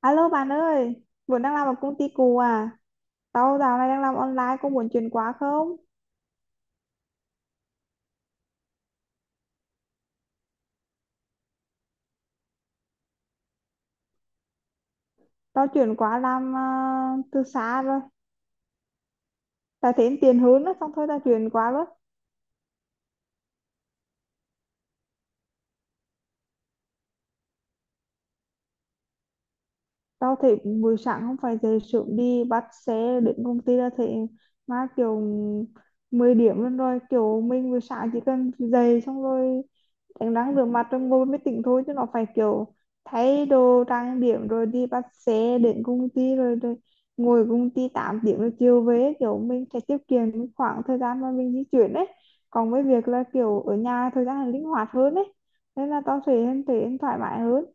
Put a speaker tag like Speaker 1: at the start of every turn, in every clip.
Speaker 1: Alo bạn ơi, vẫn đang làm ở công ty cũ à? Tao dạo này đang làm online, có muốn chuyển qua không? Tao chuyển qua làm từ xa rồi. Tao thấy tiền hướng đó, xong thôi tao chuyển qua luôn. Tao thấy buổi sáng không phải dậy sớm đi bắt xe đến công ty là thấy mà kiểu 10 điểm luôn rồi. Kiểu mình buổi sáng chỉ cần dậy xong rồi em đang rửa mặt rồi ngồi mới tỉnh thôi, chứ nó phải kiểu thay đồ trang điểm rồi đi bắt xe đến công ty rồi, rồi ngồi công ty 8 tiếng rồi chiều về, kiểu mình sẽ tiết kiệm những khoảng thời gian mà mình di chuyển ấy. Còn với việc là kiểu ở nhà thời gian là linh hoạt hơn ấy, nên là tao sẽ thấy em thoải mái hơn.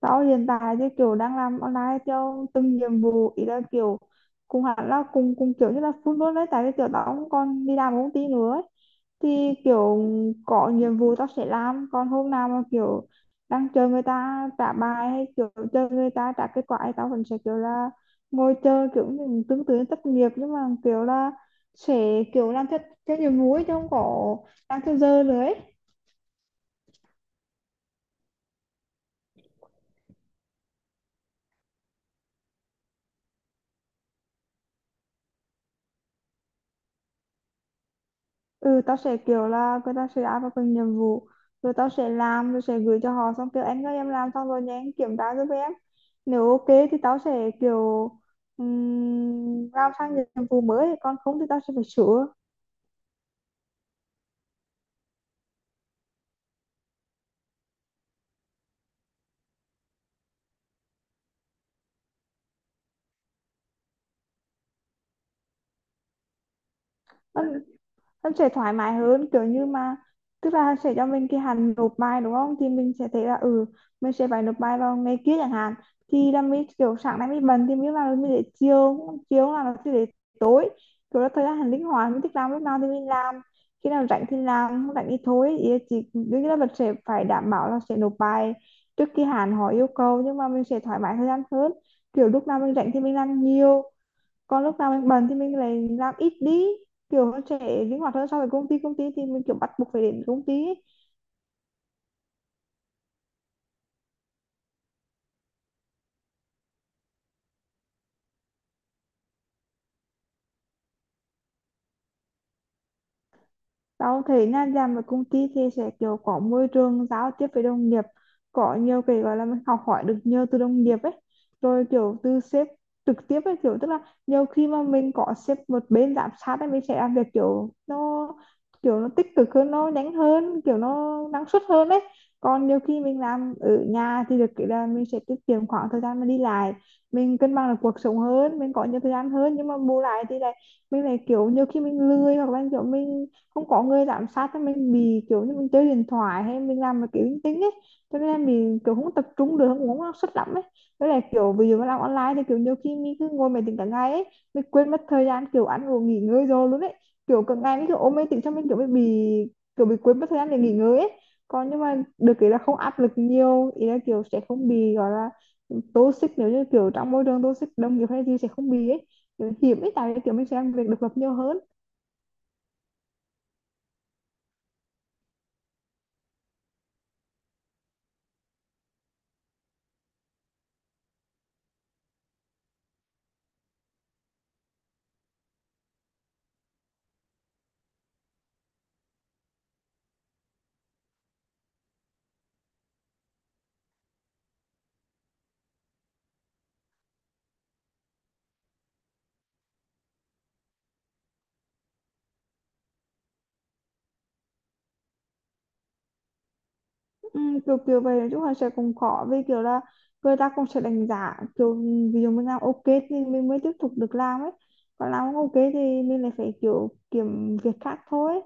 Speaker 1: Tao hiện tại thì kiểu đang làm online theo từng nhiệm vụ, ý là kiểu cùng hẳn là cùng cùng kiểu như là full luôn đấy, tại vì kiểu tao cũng còn đi làm ở công ty nữa ấy. Thì kiểu có nhiệm vụ tao sẽ làm, còn hôm nào mà kiểu đang chờ người ta trả bài hay kiểu chờ người ta trả kết quả thì tao vẫn sẽ kiểu là ngồi chờ, kiểu như tương tự như thất nghiệp, nhưng mà kiểu là sẽ kiểu làm theo theo nhiệm vụ ấy, chứ không có làm theo giờ nữa ấy. Ừ, tao sẽ kiểu là người ta sẽ áp vào từng nhiệm vụ, rồi tao sẽ làm rồi sẽ gửi cho họ, xong kêu anh ơi em làm xong rồi nha anh kiểm tra giúp em. Nếu ok thì tao sẽ kiểu làm sang nhiệm vụ mới, còn không thì tao sẽ phải sửa. Nó sẽ thoải mái hơn kiểu như mà, tức là sẽ cho mình cái hạn nộp bài đúng không, thì mình sẽ thấy là ừ mình sẽ phải nộp bài vào ngày kia chẳng hạn, thì là mình kiểu sáng nay mình bận thì mình làm mình để chiều, chiều là nó sẽ để tối, kiểu là thời gian linh hoạt mình thích làm lúc nào thì mình làm, khi nào rảnh thì làm không rảnh thì thôi, ý là chỉ đương nhiên là mình sẽ phải đảm bảo là sẽ nộp bài trước khi hạn họ yêu cầu, nhưng mà mình sẽ thoải mái thời gian hơn, kiểu lúc nào mình rảnh thì mình làm nhiều, còn lúc nào mình bận thì mình lại làm ít đi, kiểu nó sẽ linh hoạt hơn so với công ty. Công ty thì mình kiểu bắt buộc phải đến công ty ấy. Tao thấy nha, làm ở công ty thì sẽ kiểu có môi trường giao tiếp với đồng nghiệp, có nhiều cái gọi là mình học hỏi được nhiều từ đồng nghiệp ấy, rồi kiểu từ sếp trực tiếp ấy, kiểu tức là nhiều khi mà mình có sếp một bên giám sát ấy, mình sẽ làm việc kiểu nó tích cực hơn, nó nhanh hơn, kiểu nó năng suất hơn đấy. Còn nhiều khi mình làm ở nhà thì được cái là mình sẽ tiết kiệm khoảng thời gian mà đi lại, mình cân bằng được cuộc sống hơn, mình có nhiều thời gian hơn, nhưng mà bù lại thì lại mình lại kiểu nhiều khi mình lười, hoặc là kiểu mình không có người giám sát thì mình bị kiểu như mình chơi điện thoại hay mình làm cái kiểu linh tinh ấy, cho nên là mình kiểu không tập trung được, không có năng suất lắm ấy. Với lại kiểu ví dụ mà làm online thì kiểu nhiều khi mình cứ ngồi máy tính cả ngày ấy, mình quên mất thời gian kiểu ăn uống nghỉ ngơi rồi luôn ấy, kiểu cả ngày mình kiểu ôm máy tính, cho mình kiểu mình bị kiểu bị quên mất thời gian để nghỉ ngơi ấy. Còn nhưng mà được cái là không áp lực nhiều, ý là kiểu sẽ không bị gọi là toxic, nếu như kiểu trong môi trường toxic đồng nghiệp hay gì sẽ không bị ấy, kiểu hiểm ấy, tại vì kiểu mình sẽ làm việc độc lập nhiều hơn. Ừ, kiểu kiểu vậy, nói chung là sẽ cũng khó vì kiểu là người ta cũng sẽ đánh giá kiểu ví dụ mình làm ok thì mình mới tiếp tục được làm ấy, còn làm không ok thì mình lại phải kiểu kiếm việc khác thôi.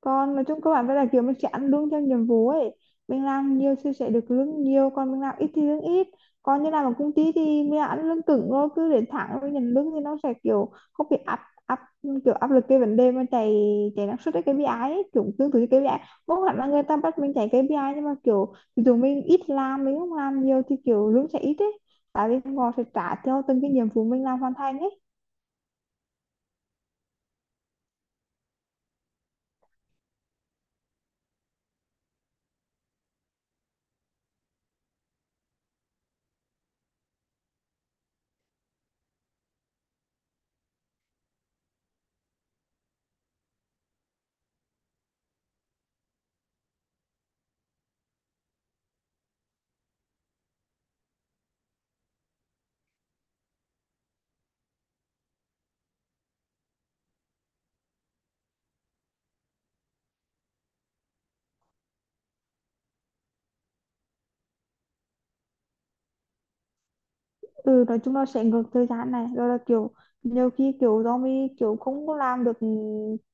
Speaker 1: Còn nói chung các bạn với là kiểu mình sẽ ăn lương theo nhiệm vụ ấy, mình làm nhiều thì sẽ được lương nhiều, còn mình làm ít thì lương ít. Còn như làm ở công ty thì mình ăn lương cứng, rồi cứ đến tháng rồi nhận lương thì nó sẽ kiểu không bị áp, áp, kiểu áp lực cái vấn đề mà chạy chạy năng suất cái KPI ấy, kiểu tương tự như KPI. Không hẳn là người ta bắt mình chạy KPI, nhưng mà kiểu thì dụ mình ít làm mình không làm nhiều thì kiểu lương sẽ ít ấy, tại vì họ sẽ trả theo từng cái nhiệm vụ mình làm hoàn thành ấy. Ừ, nói chung là sẽ ngược thời gian này, rồi là kiểu nhiều khi kiểu do mình kiểu không có làm được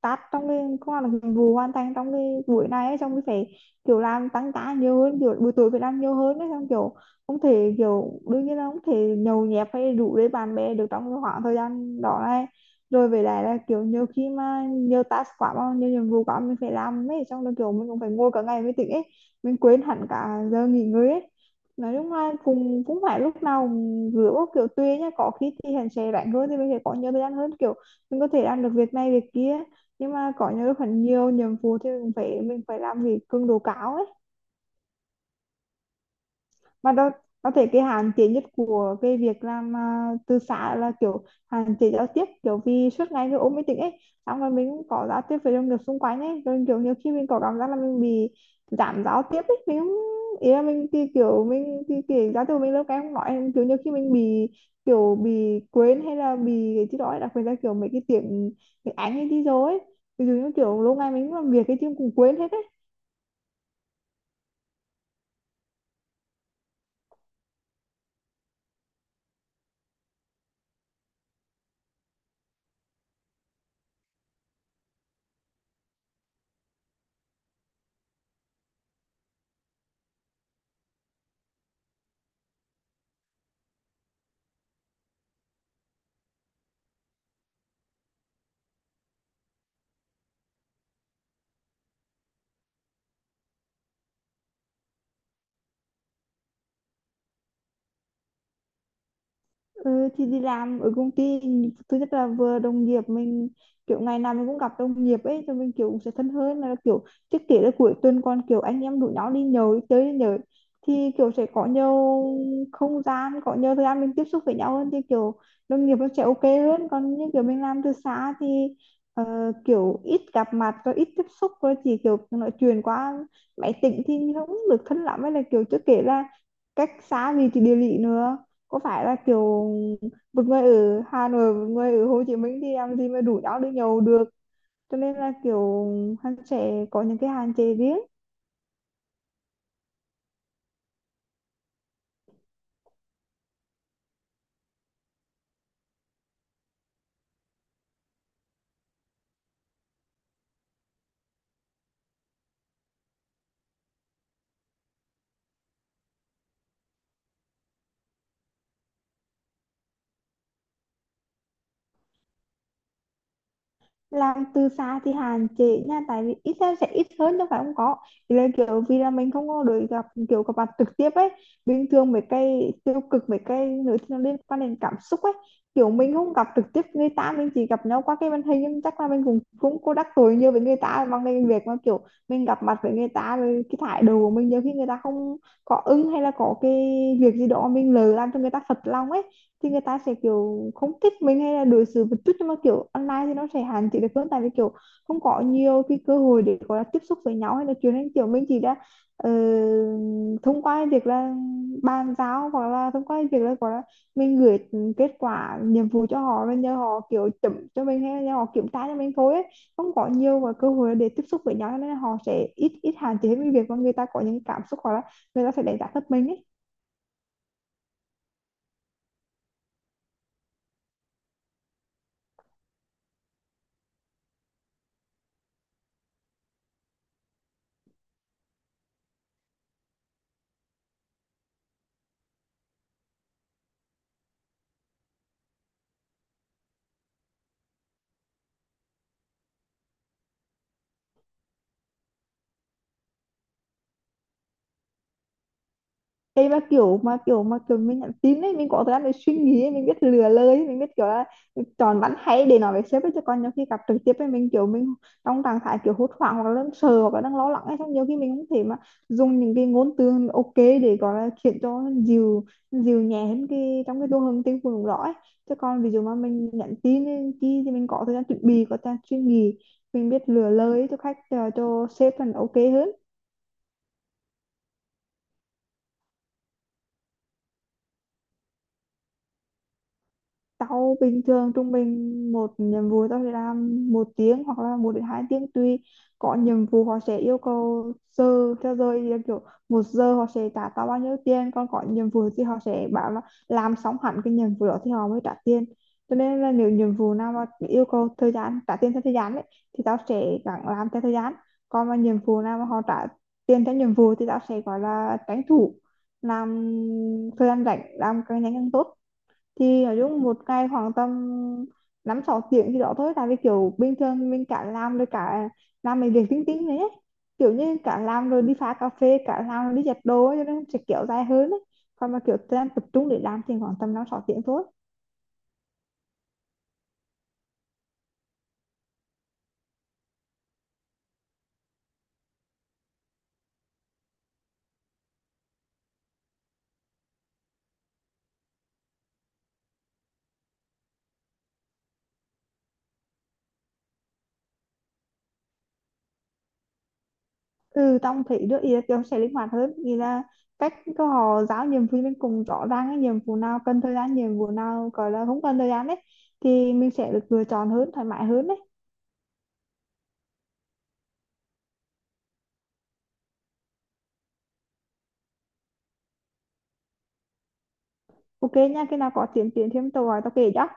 Speaker 1: task, trong cái không làm được nhiệm vụ hoàn thành trong cái buổi này ấy, xong mình phải kiểu làm tăng ca nhiều hơn, kiểu buổi tối phải làm nhiều hơn ấy, xong kiểu không thể, kiểu đương nhiên là không thể nhậu nhẹt hay rủ với bạn bè được trong cái khoảng thời gian đó này, rồi về lại là kiểu nhiều khi mà nhiều task quá mà nhiều nhiệm vụ quá mình phải làm ấy, xong rồi kiểu mình cũng phải ngồi cả ngày mới tỉnh ấy, mình quên hẳn cả giờ nghỉ ngơi ấy. Nói chung là cũng cũng phải lúc nào cũng rửa bốc, kiểu tùy nhá, có khi thì hắn sẽ rảnh hơn thì mình sẽ có nhiều thời gian hơn, kiểu mình có thể làm được việc này việc kia, nhưng mà có nhiều lúc hẳn nhiều nhiệm vụ thì mình phải làm việc cường độ cao ấy. Mà đó, có thể cái hạn chế nhất của cái việc làm từ xã là kiểu hạn chế giao tiếp, kiểu vì suốt ngày cứ ôm máy tính ấy, xong rồi mình cũng có giao tiếp với đồng nghiệp xung quanh ấy, rồi kiểu nhiều khi mình có cảm giác là mình bị giảm giao tiếp ấy, mình không, ý là mình thì kiểu giao tiếp của mình lâu cái không nói, kiểu nhiều khi mình bị kiểu bị quên hay là bị cái gì đó ấy, đặc biệt là kiểu mấy cái tiếng tiếng Anh ấy đi rồi ấy, ví dụ như kiểu lâu ngày mình làm việc cái chứ cũng quên hết ấy. Ừ, thì đi làm ở công ty thứ nhất là vừa đồng nghiệp mình, kiểu ngày nào mình cũng gặp đồng nghiệp ấy, cho mình kiểu cũng sẽ thân hơn là kiểu trước kể là cuối tuần còn kiểu anh em rủ nhau đi nhậu đi chơi đi nhậu, thì kiểu sẽ có nhiều không gian, có nhiều thời gian mình tiếp xúc với nhau hơn, thì kiểu đồng nghiệp nó sẽ ok hơn. Còn như kiểu mình làm từ xa thì ờ, kiểu ít gặp mặt rồi ít tiếp xúc rồi chỉ kiểu nói chuyện qua máy tính thì không được thân lắm, hay là kiểu trước kể là cách xa vì thì địa lý nữa, có phải là kiểu một người ở Hà Nội một người ở Hồ Chí Minh thì làm gì mà đủ nhau đi nhậu được, cho nên là kiểu hắn sẽ có những cái hạn chế riêng. Làm từ xa thì hạn chế nha, tại vì ít ra sẽ ít hơn đâu phải không có, thì là kiểu vì là mình không có được gặp kiểu gặp mặt trực tiếp ấy, bình thường mấy cái tiêu cực mấy cái nữa thì nó liên quan đến cảm xúc ấy, kiểu mình không gặp trực tiếp người ta, mình chỉ gặp nhau qua cái màn hình, nhưng chắc là mình cũng cũng có đắc tội nhiều với người ta bằng cái việc mà kiểu mình gặp mặt với người ta rồi cái thái độ của mình nhiều khi người ta không có ưng, hay là có cái việc gì đó mình lỡ làm cho người ta phật lòng ấy, thì người ta sẽ kiểu không thích mình hay là đối xử một chút, nhưng mà kiểu online thì nó sẽ hạn chế được hơn, tại vì kiểu không có nhiều cái cơ hội để gọi là tiếp xúc với nhau hay là chuyện, nên kiểu mình chỉ đã ờ, thông qua cái việc là bàn giao, hoặc là thông qua cái việc là gọi là mình gửi kết quả nhiệm vụ cho họ rồi nhờ họ kiểu chấm cho mình hay là nhờ họ kiểm tra cho mình thôi ấy. Không có nhiều và cơ hội để tiếp xúc với nhau, cho nên là họ sẽ ít ít hạn chế hơn cái việc mà người ta có những cảm xúc hoặc là người ta sẽ đánh giá thấp mình ấy. Đây mà kiểu mình nhắn tin ấy, mình có thời gian để suy nghĩ ấy, mình biết lừa lời ấy, mình biết kiểu là chọn bắn hay để nói với sếp ấy, chứ còn nhiều khi gặp trực tiếp ấy mình kiểu mình trong trạng thái kiểu hốt hoảng hoặc là đang sợ hoặc là đang lo lắng ấy, xong nhiều khi mình không thể mà dùng những cái ngôn từ ok để gọi là khiến cho dịu, nhẹ hơn cái trong cái đô hương tinh thần đó ấy, chứ còn ví dụ mà mình nhắn tin ấy, chi thì mình có thời gian chuẩn bị, có thời gian suy nghĩ, mình biết lựa lời ấy cho khách cho sếp là ok hơn. Tao bình thường trung bình một nhiệm vụ tao sẽ làm 1 tiếng hoặc là 1 đến 2 tiếng tùy. Có nhiệm vụ họ sẽ yêu cầu giờ theo giờ thì là kiểu 1 giờ họ sẽ trả tao bao nhiêu tiền, còn có nhiệm vụ thì họ sẽ bảo là làm xong hẳn cái nhiệm vụ đó thì họ mới trả tiền, cho nên là nếu nhiệm vụ nào mà yêu cầu thời gian trả tiền theo thời gian ấy, thì tao sẽ gắng làm theo thời gian. Còn mà nhiệm vụ nào mà họ trả tiền theo nhiệm vụ thì tao sẽ gọi là tranh thủ làm thời gian rảnh, làm càng nhanh càng tốt. Thì nói chung một ngày khoảng tầm 5 6 tiếng thì đó thôi, tại vì kiểu bình thường mình cả làm rồi cả làm mấy việc tính tính đấy ấy, kiểu như cả làm rồi đi pha cà phê, cả làm rồi đi giặt đồ ấy, cho nên sẽ kiểu dài hơn ấy. Còn mà kiểu đang tập trung để làm thì khoảng tầm 5 6 tiếng thôi. Ừ, tao thấy được, ý là kiểu sẽ linh hoạt hơn, nghĩa là cách có họ giao nhiệm vụ mình cùng rõ ràng cái nhiệm vụ nào cần thời gian, nhiệm vụ nào gọi là không cần thời gian đấy, thì mình sẽ được lựa chọn hơn, thoải mái hơn đấy. Ok nha, khi nào có tiến triển thêm tao gọi tao kể cho.